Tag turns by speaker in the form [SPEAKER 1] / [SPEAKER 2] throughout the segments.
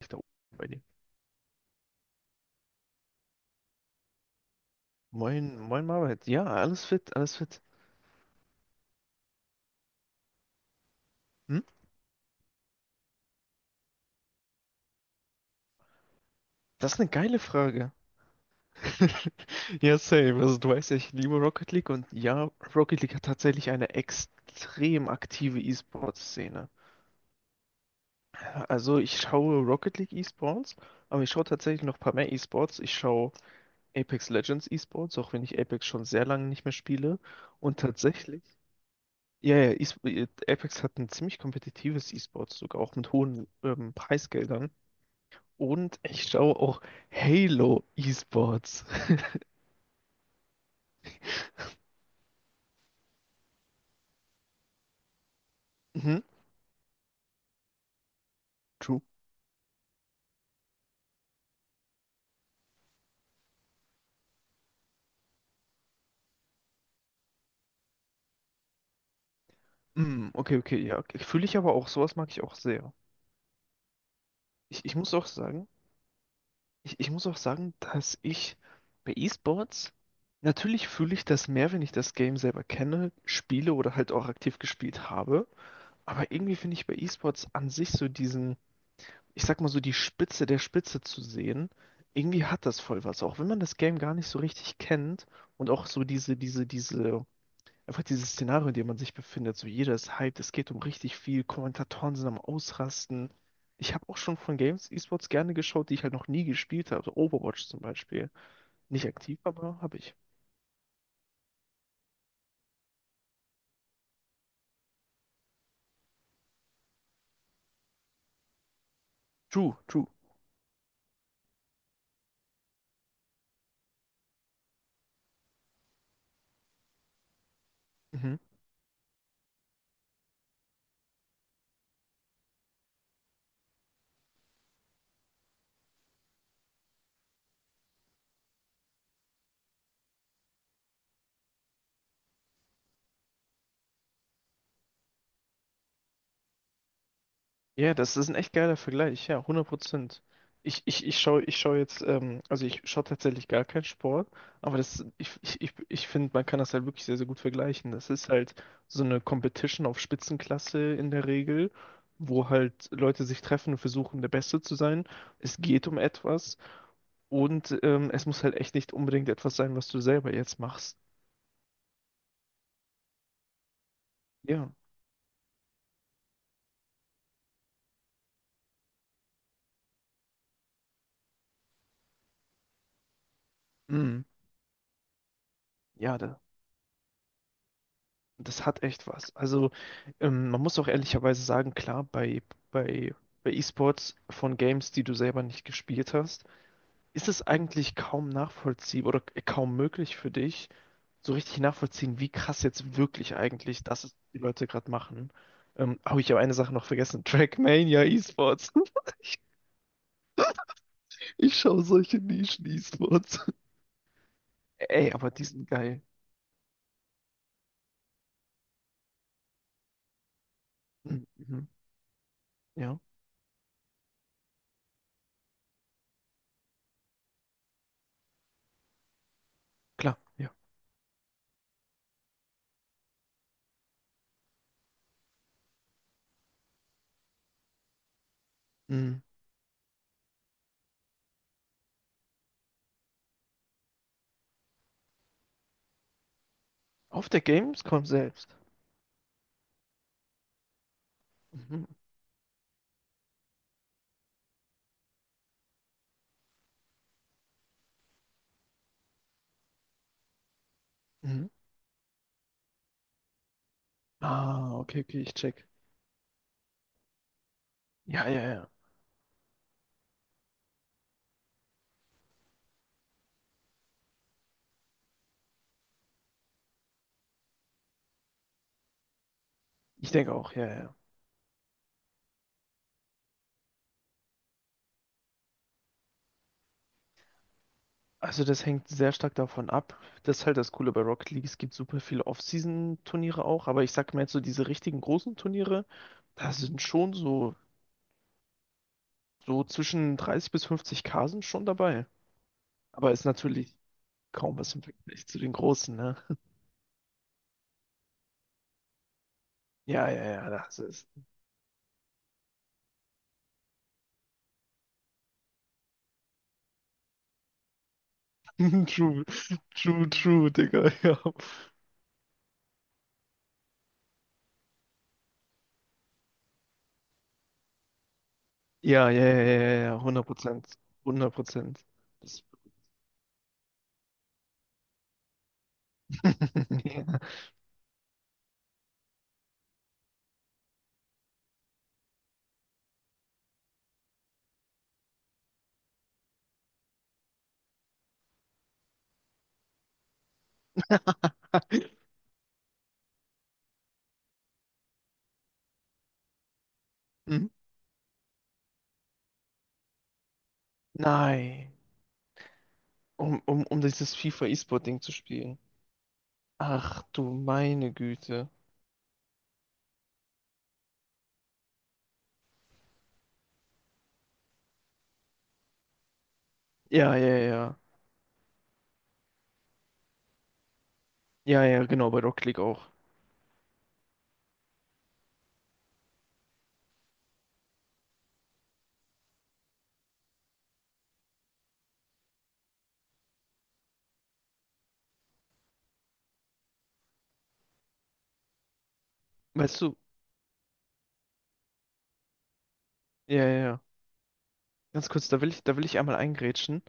[SPEAKER 1] Ist da oben bei dir. Moin, moin Marbert. Ja, alles fit, alles fit. Hm? Das ist eine geile Frage. Ja, same. Also du weißt ja, ich liebe Rocket League und ja, Rocket League hat tatsächlich eine extrem aktive E-Sports-Szene. Also ich schaue Rocket League E-Sports, aber ich schaue tatsächlich noch ein paar mehr E-Sports. Ich schaue Apex Legends E-Sports, auch wenn ich Apex schon sehr lange nicht mehr spiele. Und tatsächlich, ja, ja, Apex hat ein ziemlich kompetitives E-Sports, sogar auch mit hohen Preisgeldern. Und ich schaue auch Halo Esports. Mhm, true. Okay, okay, ja, okay. Fühle ich aber auch, sowas mag ich auch sehr. Ich muss auch sagen, ich muss auch sagen, dass ich bei Esports, natürlich fühle ich das mehr, wenn ich das Game selber kenne, spiele oder halt auch aktiv gespielt habe. Aber irgendwie finde ich bei Esports an sich so diesen, ich sag mal so die Spitze der Spitze zu sehen, irgendwie hat das voll was. Auch wenn man das Game gar nicht so richtig kennt und auch so diese. Einfach dieses Szenario, in dem man sich befindet, so jeder ist hyped, es geht um richtig viel, Kommentatoren sind am Ausrasten. Ich habe auch schon von Games E-Sports gerne geschaut, die ich halt noch nie gespielt habe. So Overwatch zum Beispiel. Nicht aktiv, aber habe ich. True, true. Mhm. Ja, das ist ein echt geiler Vergleich, ja, 100%. Ich, ich, ich schaue ich schau jetzt, Also ich schaue tatsächlich gar keinen Sport, aber das, ich finde, man kann das halt wirklich sehr, sehr gut vergleichen. Das ist halt so eine Competition auf Spitzenklasse in der Regel, wo halt Leute sich treffen und versuchen, der Beste zu sein. Es geht um etwas und es muss halt echt nicht unbedingt etwas sein, was du selber jetzt machst. Ja, mm, ja, das hat echt was. Also, man muss auch ehrlicherweise sagen, klar, bei, bei E-Sports von Games, die du selber nicht gespielt hast, ist es eigentlich kaum nachvollziehbar oder kaum möglich für dich, so richtig nachvollziehen, wie krass jetzt wirklich eigentlich das ist, was die Leute gerade machen. Oh, ich habe eine Sache noch vergessen. Trackmania E-Sports. Ich schaue solche Nischen-E-Sports. Ey, aber die sind geil. Mhm, mhm. Ja, klar, ja. Mhm. Auf der Gamescom selbst. Mhm. Mhm. Ah, okay, okay, ich check. Ja, ja, ja. Ich denke auch, ja, ja, ja. Also das hängt sehr stark davon ab. Das ist halt das Coole bei Rocket League. Es gibt super viele Off-Season-Turniere auch, aber ich sag mal jetzt so diese richtigen großen Turniere, da sind schon so zwischen 30 bis 50K sind schon dabei. Aber ist natürlich kaum was im Vergleich zu den großen, ne? Ja, ja, ja, das ist true, true, true, Digga, ja. Ja, ja, ja, ja, ja, ja, 100%, 100%. Das. Ja. Nein. Um dieses FIFA E-Sport-Ding zu spielen. Ach du meine Güte. Ja, ja, ja. Ja, ja, genau, bei Rocket League auch. Weißt du, ja, ja, ja. Ganz kurz, da will ich einmal eingrätschen.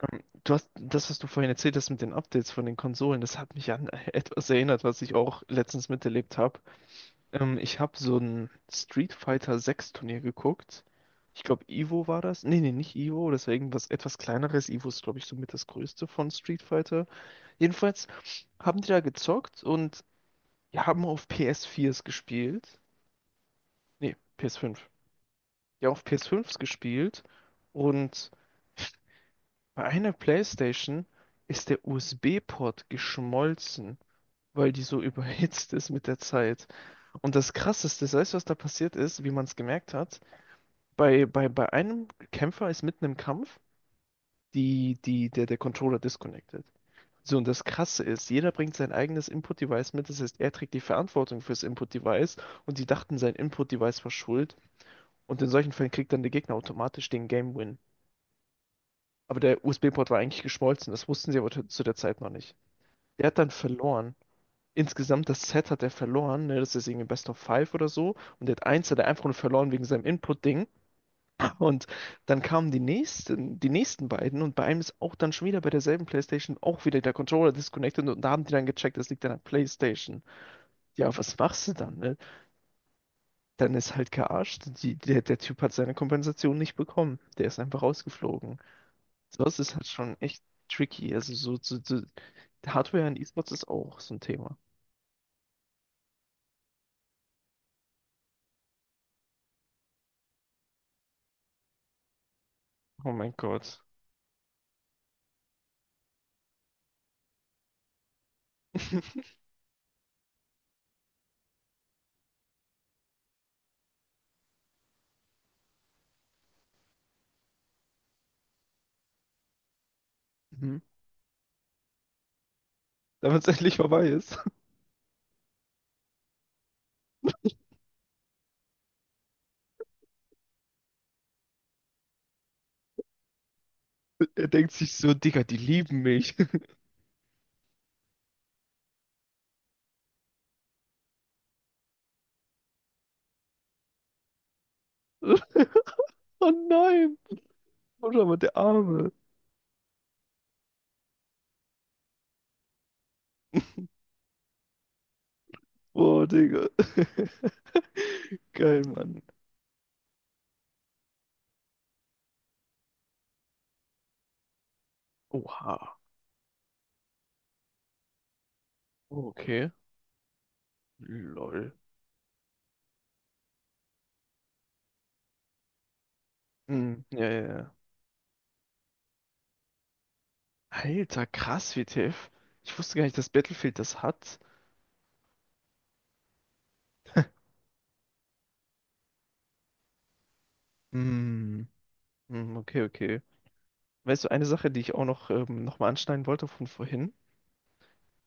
[SPEAKER 1] Du hast das, was du vorhin erzählt hast mit den Updates von den Konsolen, das hat mich an etwas erinnert, was ich auch letztens miterlebt habe. Ich habe so ein Street Fighter 6 Turnier geguckt. Ich glaube, Ivo war das. Nee, nee, nicht Ivo, das war irgendwas etwas kleineres. Ivo ist, glaube ich, somit das größte von Street Fighter. Jedenfalls haben die da gezockt und haben auf PS4s gespielt. Nee, PS5. Die haben auf PS5s gespielt und bei einer PlayStation ist der USB-Port geschmolzen, weil die so überhitzt ist mit der Zeit. Und das Krasseste, weißt du, was da passiert ist, wie man es gemerkt hat? Bei einem Kämpfer ist mitten im Kampf der Controller disconnected. So, und das Krasse ist, jeder bringt sein eigenes Input-Device mit. Das heißt, er trägt die Verantwortung fürs Input-Device und die dachten, sein Input-Device war schuld. Und in solchen Fällen kriegt dann der Gegner automatisch den Game-Win. Aber der USB-Port war eigentlich geschmolzen. Das wussten sie aber zu der Zeit noch nicht. Der hat dann verloren. Insgesamt das Set hat er verloren. Ne? Das ist irgendwie Best of Five oder so. Und der hat eins hat er einfach nur verloren wegen seinem Input-Ding. Und dann kamen die nächsten, beiden und bei einem ist auch dann schon wieder bei derselben PlayStation auch wieder der Controller disconnected und da haben die dann gecheckt, das liegt an der PlayStation. Ja, was machst du dann, ne? Dann ist halt gearscht. Der Typ hat seine Kompensation nicht bekommen. Der ist einfach rausgeflogen. Sowas ist halt schon echt tricky. Also so Hardware in E-Sports ist auch so ein Thema. Oh mein Gott. Mhm. Damit es endlich vorbei ist. Er denkt sich so, Digga, die lieben mich. Oh nein. Oh, schau mal der Arme. Boah, Digga. Geil, Mann. Oha. Oh, okay. Lol. Hm, ja, ja, ja. Alter, krass, WTF. Ich wusste gar nicht, dass Battlefield das hat. Hm. Hm, okay, okay. Weißt du, eine Sache, die ich auch noch, noch mal anschneiden wollte von vorhin,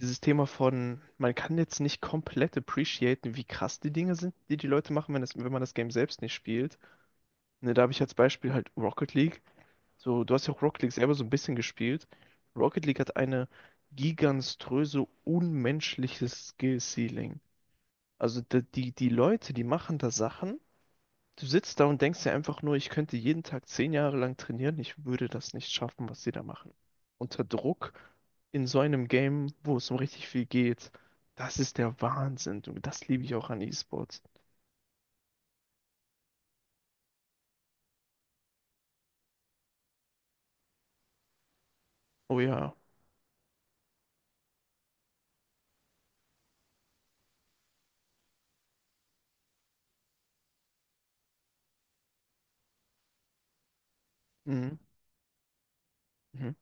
[SPEAKER 1] dieses Thema von, man kann jetzt nicht komplett appreciaten, wie krass die Dinge sind, die die Leute machen, wenn man das Game selbst nicht spielt. Ne, da habe ich als Beispiel halt Rocket League. So, du hast ja auch Rocket League selber so ein bisschen gespielt. Rocket League hat eine giganströse, unmenschliche Skill-Ceiling. Also die Leute, die machen da Sachen. Du sitzt da und denkst dir einfach nur, ich könnte jeden Tag 10 Jahre lang trainieren, ich würde das nicht schaffen, was sie da machen. Unter Druck in so einem Game, wo es um richtig viel geht, das ist der Wahnsinn. Du. Das liebe ich auch an E-Sports. Oh ja. Mhm. Mhm.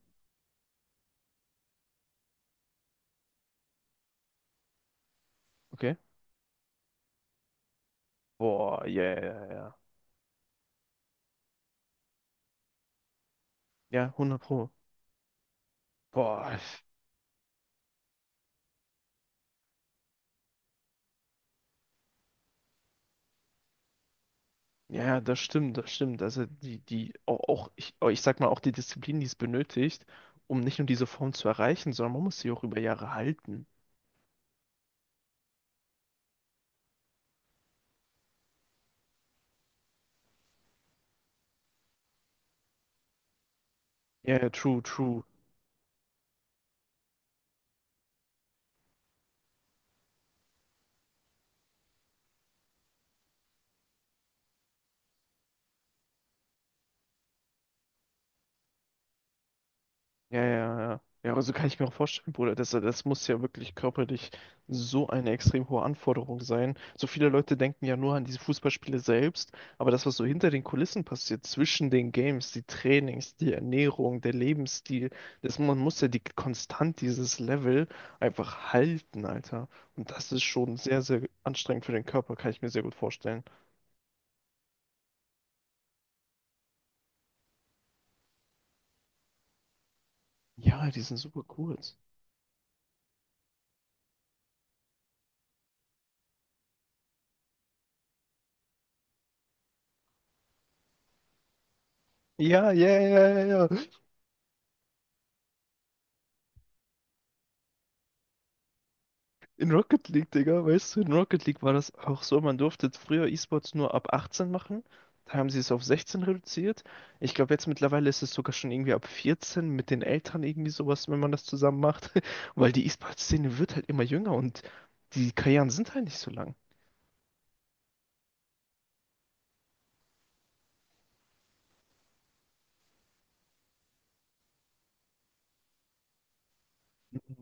[SPEAKER 1] Okay. Boah, ja, ja, ja. Ja, ja, 100 Pro. Boah. Ja, ja, das stimmt, das stimmt. Also die, die, auch, auch ich, auch die Disziplin, die es benötigt, um nicht nur diese Form zu erreichen, sondern man muss sie auch über Jahre halten. Ja, ja, true, true. Ja, ja, ja. Ja, aber so kann ich mir auch vorstellen, Bruder. Das muss ja wirklich körperlich so eine extrem hohe Anforderung sein. So viele Leute denken ja nur an diese Fußballspiele selbst, aber das, was so hinter den Kulissen passiert, zwischen den Games, die Trainings, die Ernährung, der Lebensstil, das, man muss ja die konstant dieses Level einfach halten, Alter. Und das ist schon sehr, sehr anstrengend für den Körper, kann ich mir sehr gut vorstellen. Ja, die sind super kurz. Ja, ja, ja, ja, ja. In Rocket League, Digga, weißt du, in Rocket League war das auch so, man durfte früher E-Sports nur ab 18 machen. Da haben sie es auf 16 reduziert. Ich glaube, jetzt mittlerweile ist es sogar schon irgendwie ab 14 mit den Eltern irgendwie sowas, wenn man das zusammen macht. Weil die E-Sports-Szene wird halt immer jünger und die Karrieren sind halt nicht so lang.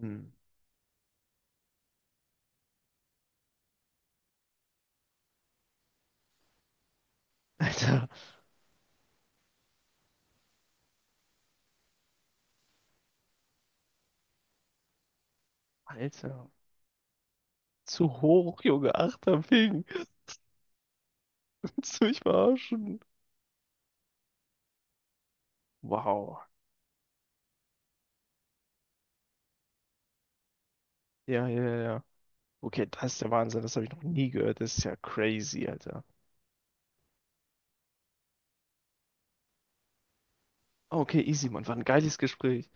[SPEAKER 1] Hm. Alter, Alter, zu hoch, Junge, achter Ping. Willst du mich verarschen? Wow. Ja, ja, ja. Okay, das ist der Wahnsinn, das habe ich noch nie gehört. Das ist ja crazy, Alter. Ah, okay, easy, Mann. War ein geiles Gespräch.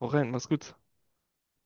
[SPEAKER 1] Hau rein, mach's gut.